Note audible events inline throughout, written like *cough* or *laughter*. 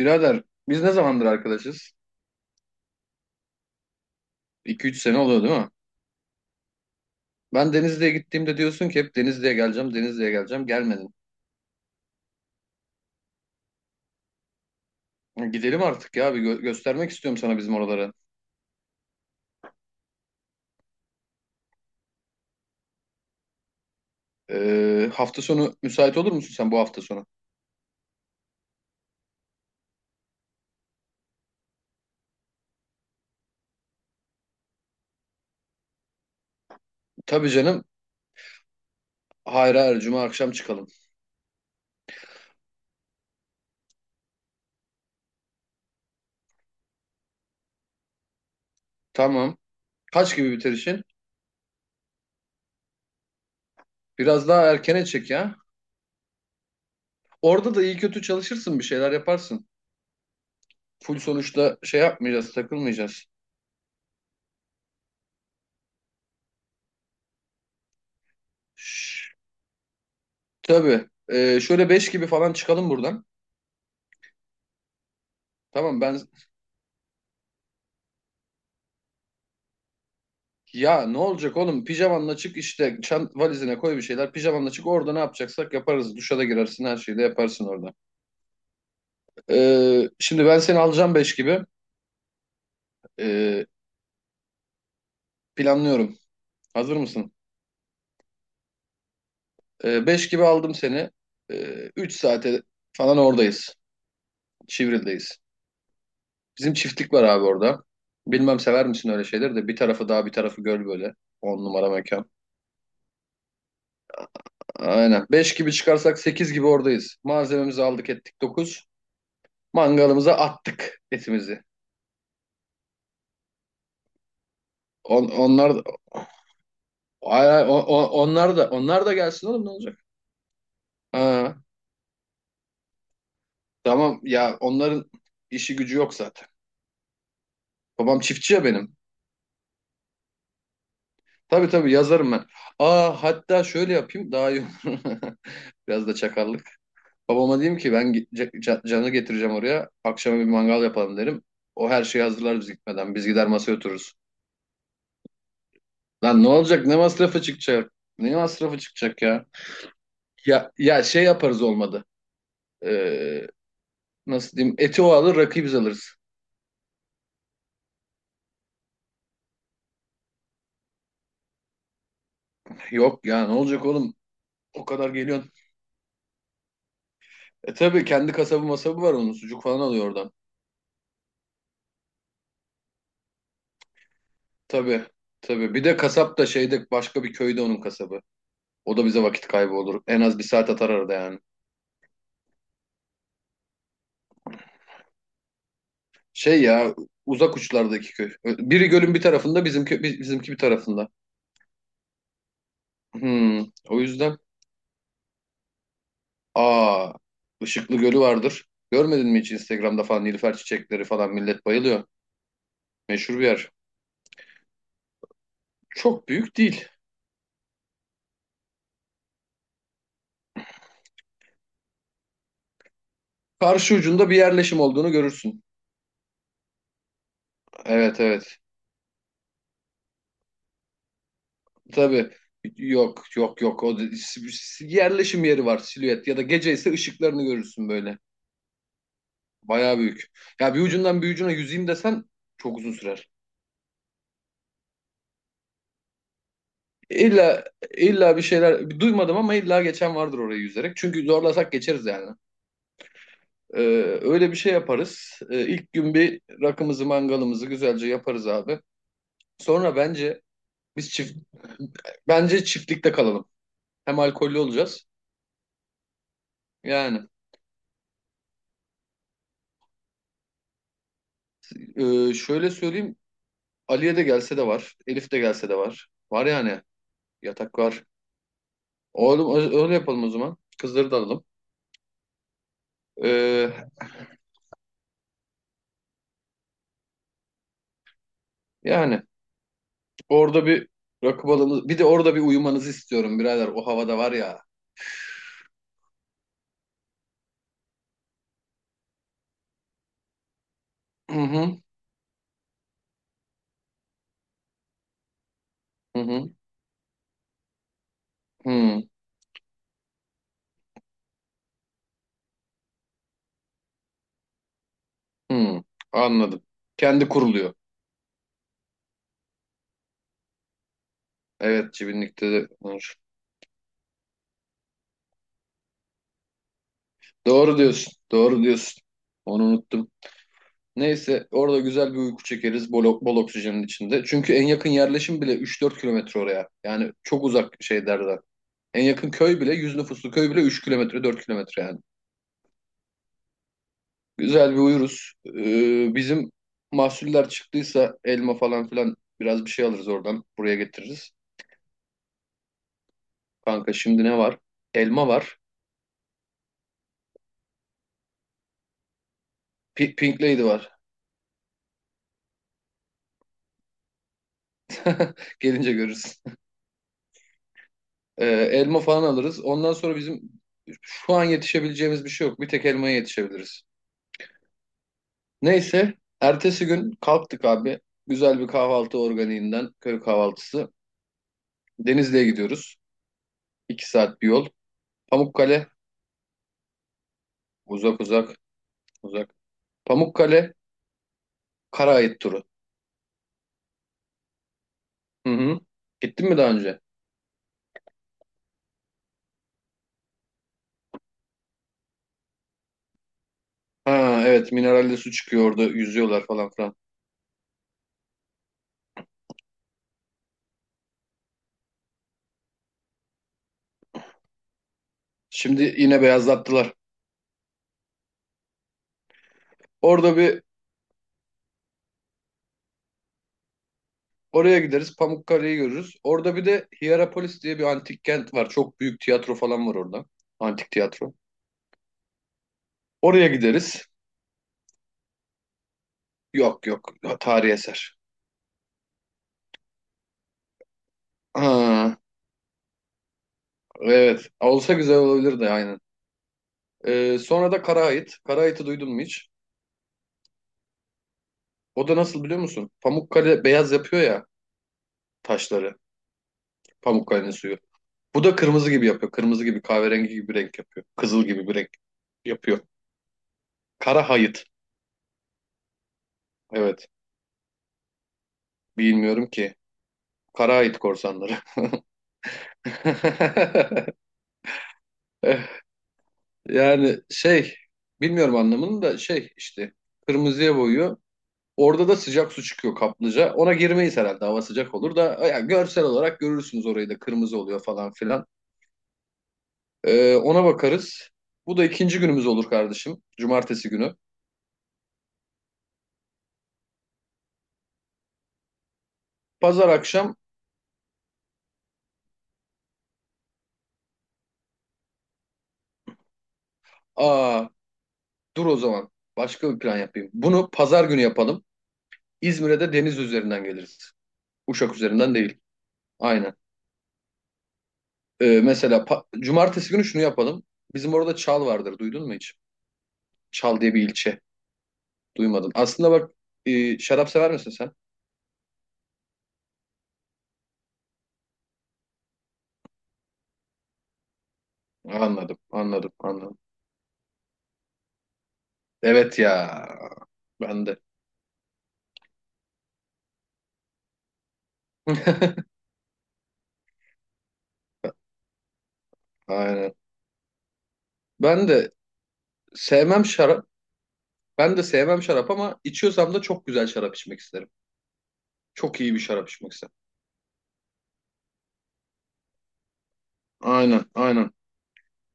Birader, biz ne zamandır arkadaşız? 2 3 sene oluyor değil mi? Ben Denizli'ye gittiğimde diyorsun ki hep Denizli'ye geleceğim, Denizli'ye geleceğim. Gelmedin. Gidelim artık ya, bir göstermek istiyorum sana bizim oraları. Hafta sonu müsait olur musun sen bu hafta sonu? Tabii canım. Hayır, hayır, cuma akşam çıkalım. Tamam. Kaç gibi biter işin? Biraz daha erkene çek ya. Orada da iyi kötü çalışırsın, bir şeyler yaparsın. Full sonuçta şey yapmayacağız, takılmayacağız. Şşş, tabii. Şöyle 5 gibi falan çıkalım buradan. Tamam. Ya ne olacak oğlum? Pijamanla çık işte, çant valizine koy bir şeyler. Pijamanla çık, orada ne yapacaksak yaparız. Duşa da girersin, her şeyi de yaparsın orada. Şimdi ben seni alacağım 5 gibi. Ee, Planlıyorum. Hazır mısın? 5 gibi aldım seni. 3 saate falan oradayız. Çivril'deyiz. Bizim çiftlik var abi orada. Bilmem sever misin öyle şeyleri de, bir tarafı dağ bir tarafı göl böyle. On numara mekan. Aynen. 5 gibi çıkarsak 8 gibi oradayız. Malzememizi aldık ettik, 9. Mangalımıza attık etimizi. Onlar da, onlar da gelsin oğlum, ne olacak? Ha, tamam ya, onların işi gücü yok zaten. Babam çiftçi ya benim. Tabii, tabii, yazarım ben. Aa, hatta şöyle yapayım, daha iyi olur. *laughs* Biraz da çakallık. Babama diyeyim ki ben canı getireceğim oraya. Akşama bir mangal yapalım derim. O her şeyi hazırlar biz gitmeden. Biz gider masaya otururuz. Lan ne olacak? Ne masrafı çıkacak? Ne masrafı çıkacak ya? Ya ya şey yaparız olmadı. Ee, Nasıl diyeyim? Eti o alır, rakıyı biz alırız. Yok ya, ne olacak oğlum? O kadar geliyorsun. E tabii kendi kasabı masabı var onun. Sucuk falan alıyor oradan. Tabii. Tabii. Bir de kasap da şeyde, başka bir köyde onun kasabı. O da bize vakit kaybı olur. En az bir saat atar arada yani. Şey ya, uzak uçlardaki köy. Biri gölün bir tarafında, bizimki bir tarafında. Hmm, o yüzden. aa Işıklı Gölü vardır. Görmedin mi hiç Instagram'da falan? Nilüfer çiçekleri falan, millet bayılıyor. Meşhur bir yer. Çok büyük değil. Karşı ucunda bir yerleşim olduğunu görürsün. Evet, evet. Tabii. Yok, yok, yok. O da- s- s- Yerleşim yeri var, silüet ya da gece ise ışıklarını görürsün böyle. Bayağı büyük. Ya bir ucundan bir ucuna yüzeyim desen çok uzun sürer. İlla illa bir şeyler duymadım ama illa geçen vardır orayı yüzerek. Çünkü zorlasak geçeriz yani. Ee, Öyle bir şey yaparız. İlk gün bir rakımızı mangalımızı güzelce yaparız abi. Sonra biz çift bence çiftlikte kalalım. Hem alkollü olacağız. Yani, şöyle söyleyeyim, Ali'ye de gelse de var. Elif de gelse de var. Var yani. Yatak var. Oğlum, öyle yapalım o zaman. Kızları da alalım. Ee, Yani orada bir rakı balımız. Bir de orada bir uyumanızı istiyorum birader. O havada var ya. Hı hı. Hı hı. Hı hı. Anladım. Kendi kuruluyor. Evet, cibinlikte de olur. Doğru diyorsun. Doğru diyorsun. Onu unuttum. Neyse, orada güzel bir uyku çekeriz, bol bol oksijenin içinde. Çünkü en yakın yerleşim bile 3 4 kilometre oraya. Yani çok uzak şeylerden. En yakın köy bile, 100 nüfuslu köy bile 3 kilometre, 4 kilometre yani. Güzel bir uyuruz. Bizim mahsuller çıktıysa elma falan filan, biraz bir şey alırız oradan. Buraya getiririz. Kanka şimdi ne var? Elma var. Pink Lady var. *laughs* Gelince görürüz. *laughs* Elma falan alırız. Ondan sonra bizim şu an yetişebileceğimiz bir şey yok. Bir tek elmaya yetişebiliriz. Neyse. Ertesi gün kalktık abi. Güzel bir kahvaltı, organiğinden köy kahvaltısı. Denizli'ye gidiyoruz. 2 saat bir yol. Pamukkale. Uzak uzak uzak. Pamukkale, Karaait turu. Hı hı. Gittin mi daha önce? Ha, evet, mineralli su çıkıyor orada, yüzüyorlar falan filan. Şimdi yine beyazlattılar. Orada bir Oraya gideriz, Pamukkale'yi görürüz. Orada bir de Hierapolis diye bir antik kent var. Çok büyük tiyatro falan var orada. Antik tiyatro. Oraya gideriz. Yok, yok, tarihi eser. Ha, evet, olsa güzel olabilirdi, aynen. Sonra da Karaait. Karait'i duydun mu hiç? O da nasıl biliyor musun? Pamukkale beyaz yapıyor ya, taşları. Pamukkale'nin suyu. Bu da kırmızı gibi yapıyor. Kırmızı gibi, kahverengi gibi bir renk yapıyor. Kızıl gibi bir renk yapıyor. Kara hayıt. Evet. Bilmiyorum ki. Kara hayıt korsanları. *laughs* Yani şey, bilmiyorum anlamını da, şey işte, kırmızıya boyuyor. Orada da sıcak su çıkıyor, kaplıca. Ona girmeyiz herhalde, hava sıcak olur da, ya görsel olarak görürsünüz orayı da, kırmızı oluyor falan filan. Ona bakarız. Bu da ikinci günümüz olur kardeşim. Cumartesi günü. Pazar akşam aa Dur o zaman. Başka bir plan yapayım. Bunu pazar günü yapalım. İzmir'e de deniz üzerinden geliriz. Uşak üzerinden değil. Aynen. Mesela cumartesi günü şunu yapalım. Bizim orada Çal vardır. Duydun mu hiç? Çal diye bir ilçe. Duymadın. Aslında bak, şarap sever misin sen? Anladım. Anladım. Anladım. Evet ya. Ben de. *laughs* Aynen. Ben de sevmem şarap. Ben de sevmem şarap ama içiyorsam da çok güzel şarap içmek isterim. Çok iyi bir şarap içmek isterim. Aynen. Aynen.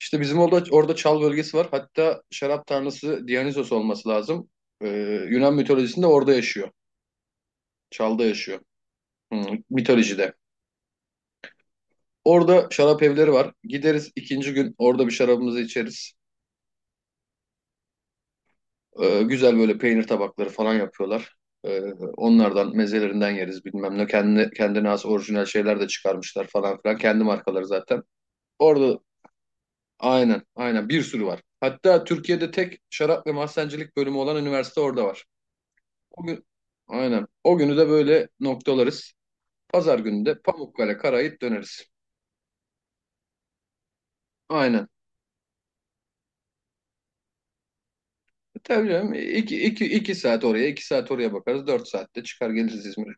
İşte bizim orada çal bölgesi var. Hatta şarap tanrısı Dionysos olması lazım. Ee, Yunan mitolojisinde orada yaşıyor. Çal'da yaşıyor. Hmm, mitolojide. Orada şarap evleri var. Gideriz ikinci gün, orada bir şarabımızı içeriz. Güzel böyle peynir tabakları falan yapıyorlar. Ee, Onlardan, mezelerinden yeriz bilmem ne. Kendine, kendine has orijinal şeyler de çıkarmışlar falan filan. Kendi markaları zaten. Orada aynen, aynen bir sürü var. Hatta Türkiye'de tek şarap ve mahzencilik bölümü olan üniversite orada var. O gün, aynen. O günü de böyle noktalarız. Pazar günü de Pamukkale, Karayip döneriz. Aynen. Tabii canım. İki saat oraya, 2 saat oraya bakarız. 4 saatte çıkar geliriz İzmir'e.